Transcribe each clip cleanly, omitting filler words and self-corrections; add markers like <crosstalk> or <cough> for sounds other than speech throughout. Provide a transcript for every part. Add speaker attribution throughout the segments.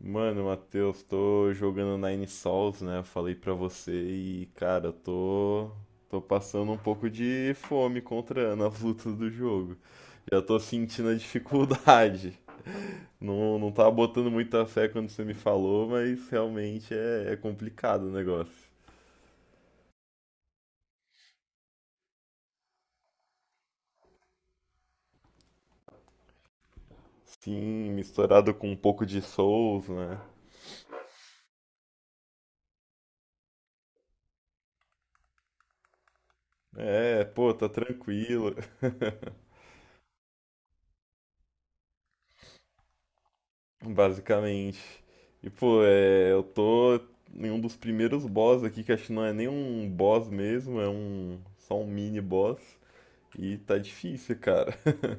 Speaker 1: Mano, Matheus, tô jogando Nine Sols, né? Eu falei pra você e, cara, eu tô passando um pouco de fome contra nas lutas do jogo. Já tô sentindo a dificuldade. <laughs> Não tava botando muita fé quando você me falou, mas realmente é complicado o negócio. Sim, misturado com um pouco de Souls, né? É, pô, tá tranquilo. Basicamente. E, pô, é, eu tô em um dos primeiros boss aqui, que acho que não é nem um boss mesmo, é só um mini boss. E tá difícil, cara. <laughs>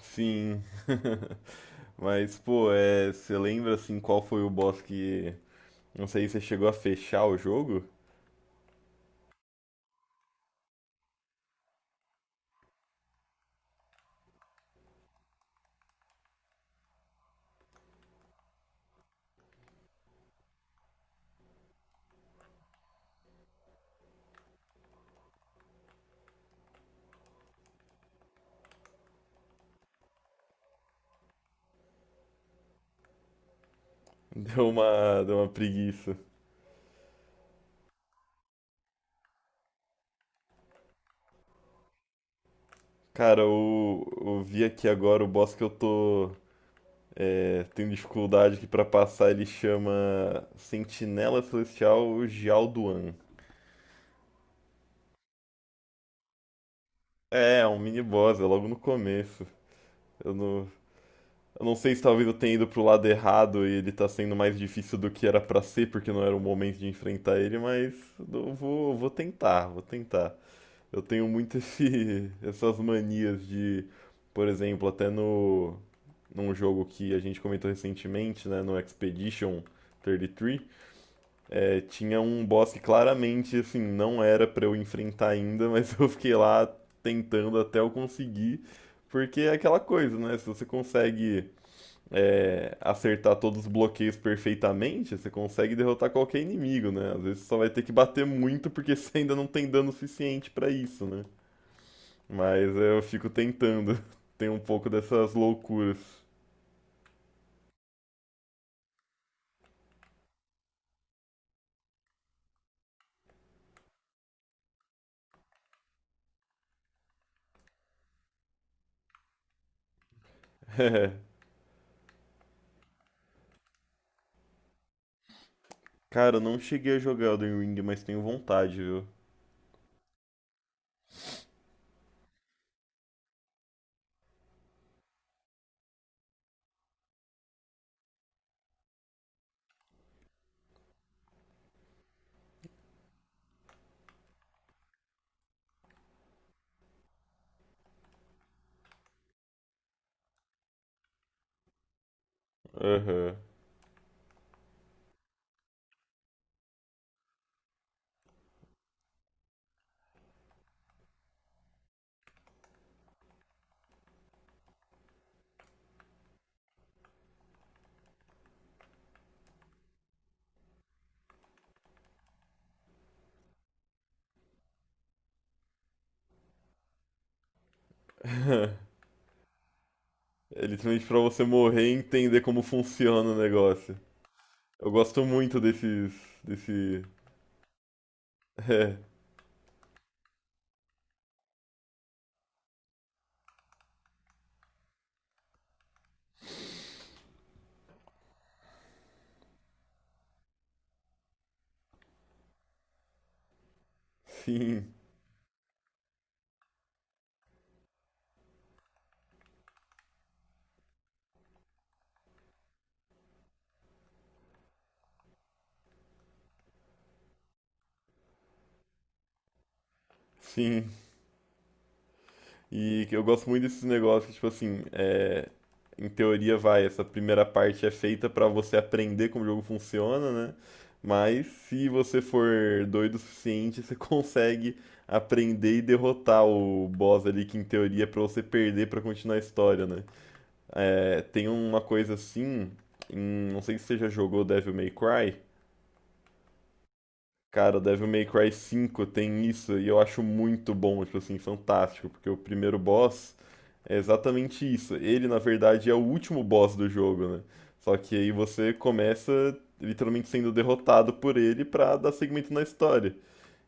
Speaker 1: Sim. <laughs> Mas, pô, é, você lembra assim qual foi o boss que. Não sei se você chegou a fechar o jogo? <laughs> Deu uma preguiça. Cara, eu vi aqui agora o boss que eu tô. É, tem dificuldade que pra passar ele chama Sentinela Celestial Gialduan. É, é um mini boss, é logo no começo. Eu não, eu não sei se talvez eu tenha ido pro lado errado e ele tá sendo mais difícil do que era pra ser, porque não era o momento de enfrentar ele, mas eu vou tentar, vou tentar. Eu tenho muito esse, <laughs> essas manias de, por exemplo, até no, num jogo que a gente comentou recentemente, né, no Expedition 33. É, tinha um boss que claramente, assim, não era pra eu enfrentar ainda, mas <laughs> eu fiquei lá tentando até eu conseguir, porque é aquela coisa, né? Se você consegue, é, acertar todos os bloqueios perfeitamente, você consegue derrotar qualquer inimigo, né? Às vezes você só vai ter que bater muito porque <laughs> você ainda não tem dano suficiente pra isso, né? Mas é, eu fico tentando. <laughs> Tem um pouco dessas loucuras. <laughs> Cara, eu não cheguei a jogar Elden Ring, mas tenho vontade, viu? Aham. É literalmente pra você morrer e entender como funciona o negócio. Eu gosto muito desses, desse, <laughs> é, sim, sim. E que eu gosto muito desses negócios, tipo assim, é, em teoria vai, essa primeira parte é feita pra você aprender como o jogo funciona, né? Mas se você for doido o suficiente, <laughs> você consegue aprender e derrotar o boss ali, que em teoria é pra você perder pra continuar a história, né? É, tem uma coisa assim, em- não sei se você já jogou Devil May Cry. Cara, Devil May Cry 5 tem isso e eu acho muito bom, tipo assim, fantástico, porque o primeiro boss é exatamente isso. Ele, na verdade, é o último boss do jogo, né? Só que aí você começa literalmente sendo derrotado por ele pra dar segmento na história.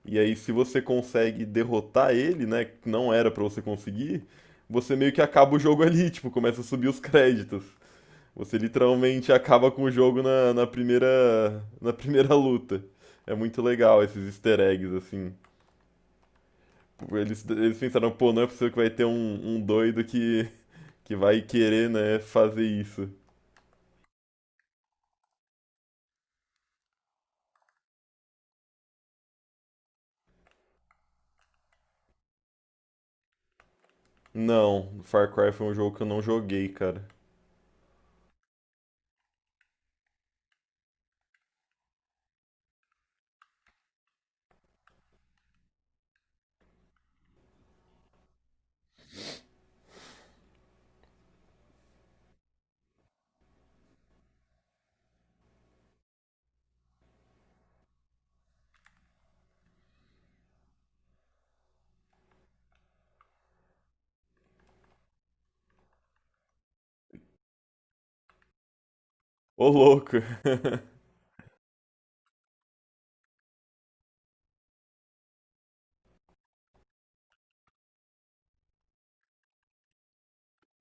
Speaker 1: E aí, se você consegue derrotar ele, né, que não era pra você conseguir, você meio que acaba o jogo ali, <laughs> tipo, começa a subir os créditos. Você literalmente acaba com o jogo na, na primeira luta. É muito legal esses easter eggs, assim. Eles pensaram, pô, não é possível que vai ter um, um doido que vai querer, né, fazer isso. Não, Far Cry foi um jogo que eu não joguei, cara. Ô, louco! <laughs>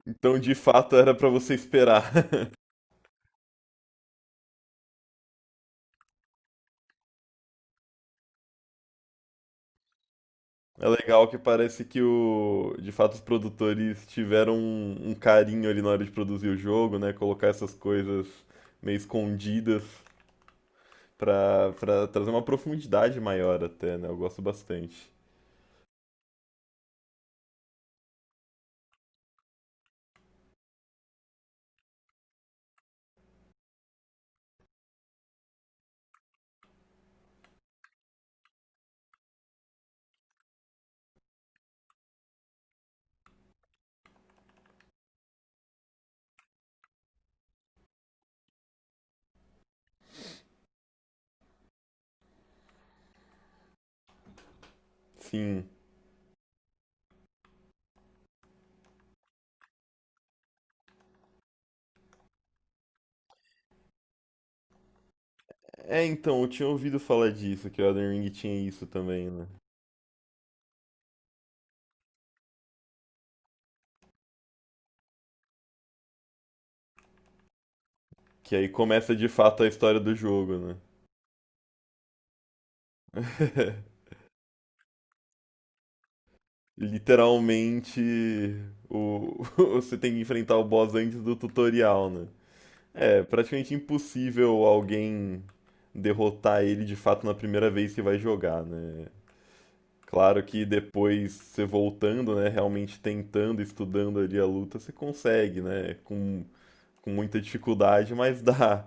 Speaker 1: Então, de fato, era pra você esperar. <laughs> É legal que parece que o, de fato os produtores tiveram um, um carinho ali na hora de produzir o jogo, né? Colocar essas coisas meio escondidas. Pra, pra trazer uma profundidade maior até, né? Eu gosto bastante. Sim. É, então, eu tinha ouvido falar disso, que o Elden Ring tinha isso também, né? Que aí começa de fato a história do jogo, né? <laughs> Literalmente, o... <laughs> você tem que enfrentar o boss antes do tutorial, né? É praticamente impossível alguém derrotar ele de fato na primeira vez que vai jogar, né? Claro que depois você voltando, né, realmente tentando, estudando ali a luta, você consegue, né, com muita dificuldade, mas dá.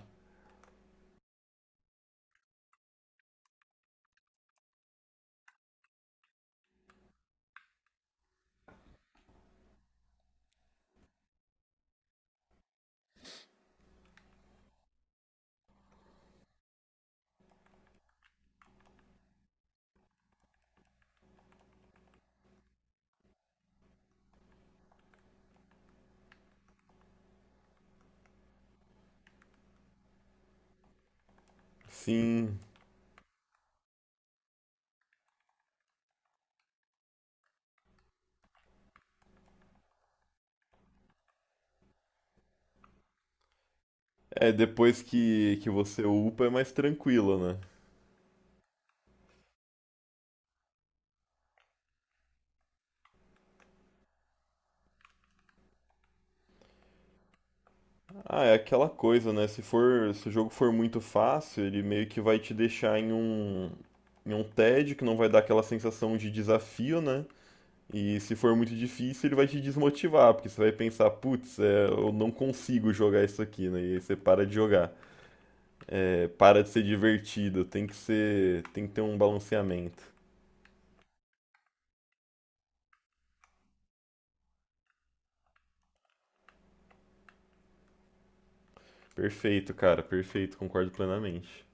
Speaker 1: Sim, é depois que você upa é mais tranquilo, né? Ah, é aquela coisa, né, se for, se o jogo for muito fácil, ele meio que vai te deixar em um tédio, que não vai dar aquela sensação de desafio, né? E se for muito difícil, ele vai te desmotivar, porque você vai pensar, putz, é, eu não consigo jogar isso aqui, né? E aí você para de jogar. É, para de ser divertido, tem que ser, tem que ter um balanceamento. Perfeito, cara, perfeito, concordo plenamente.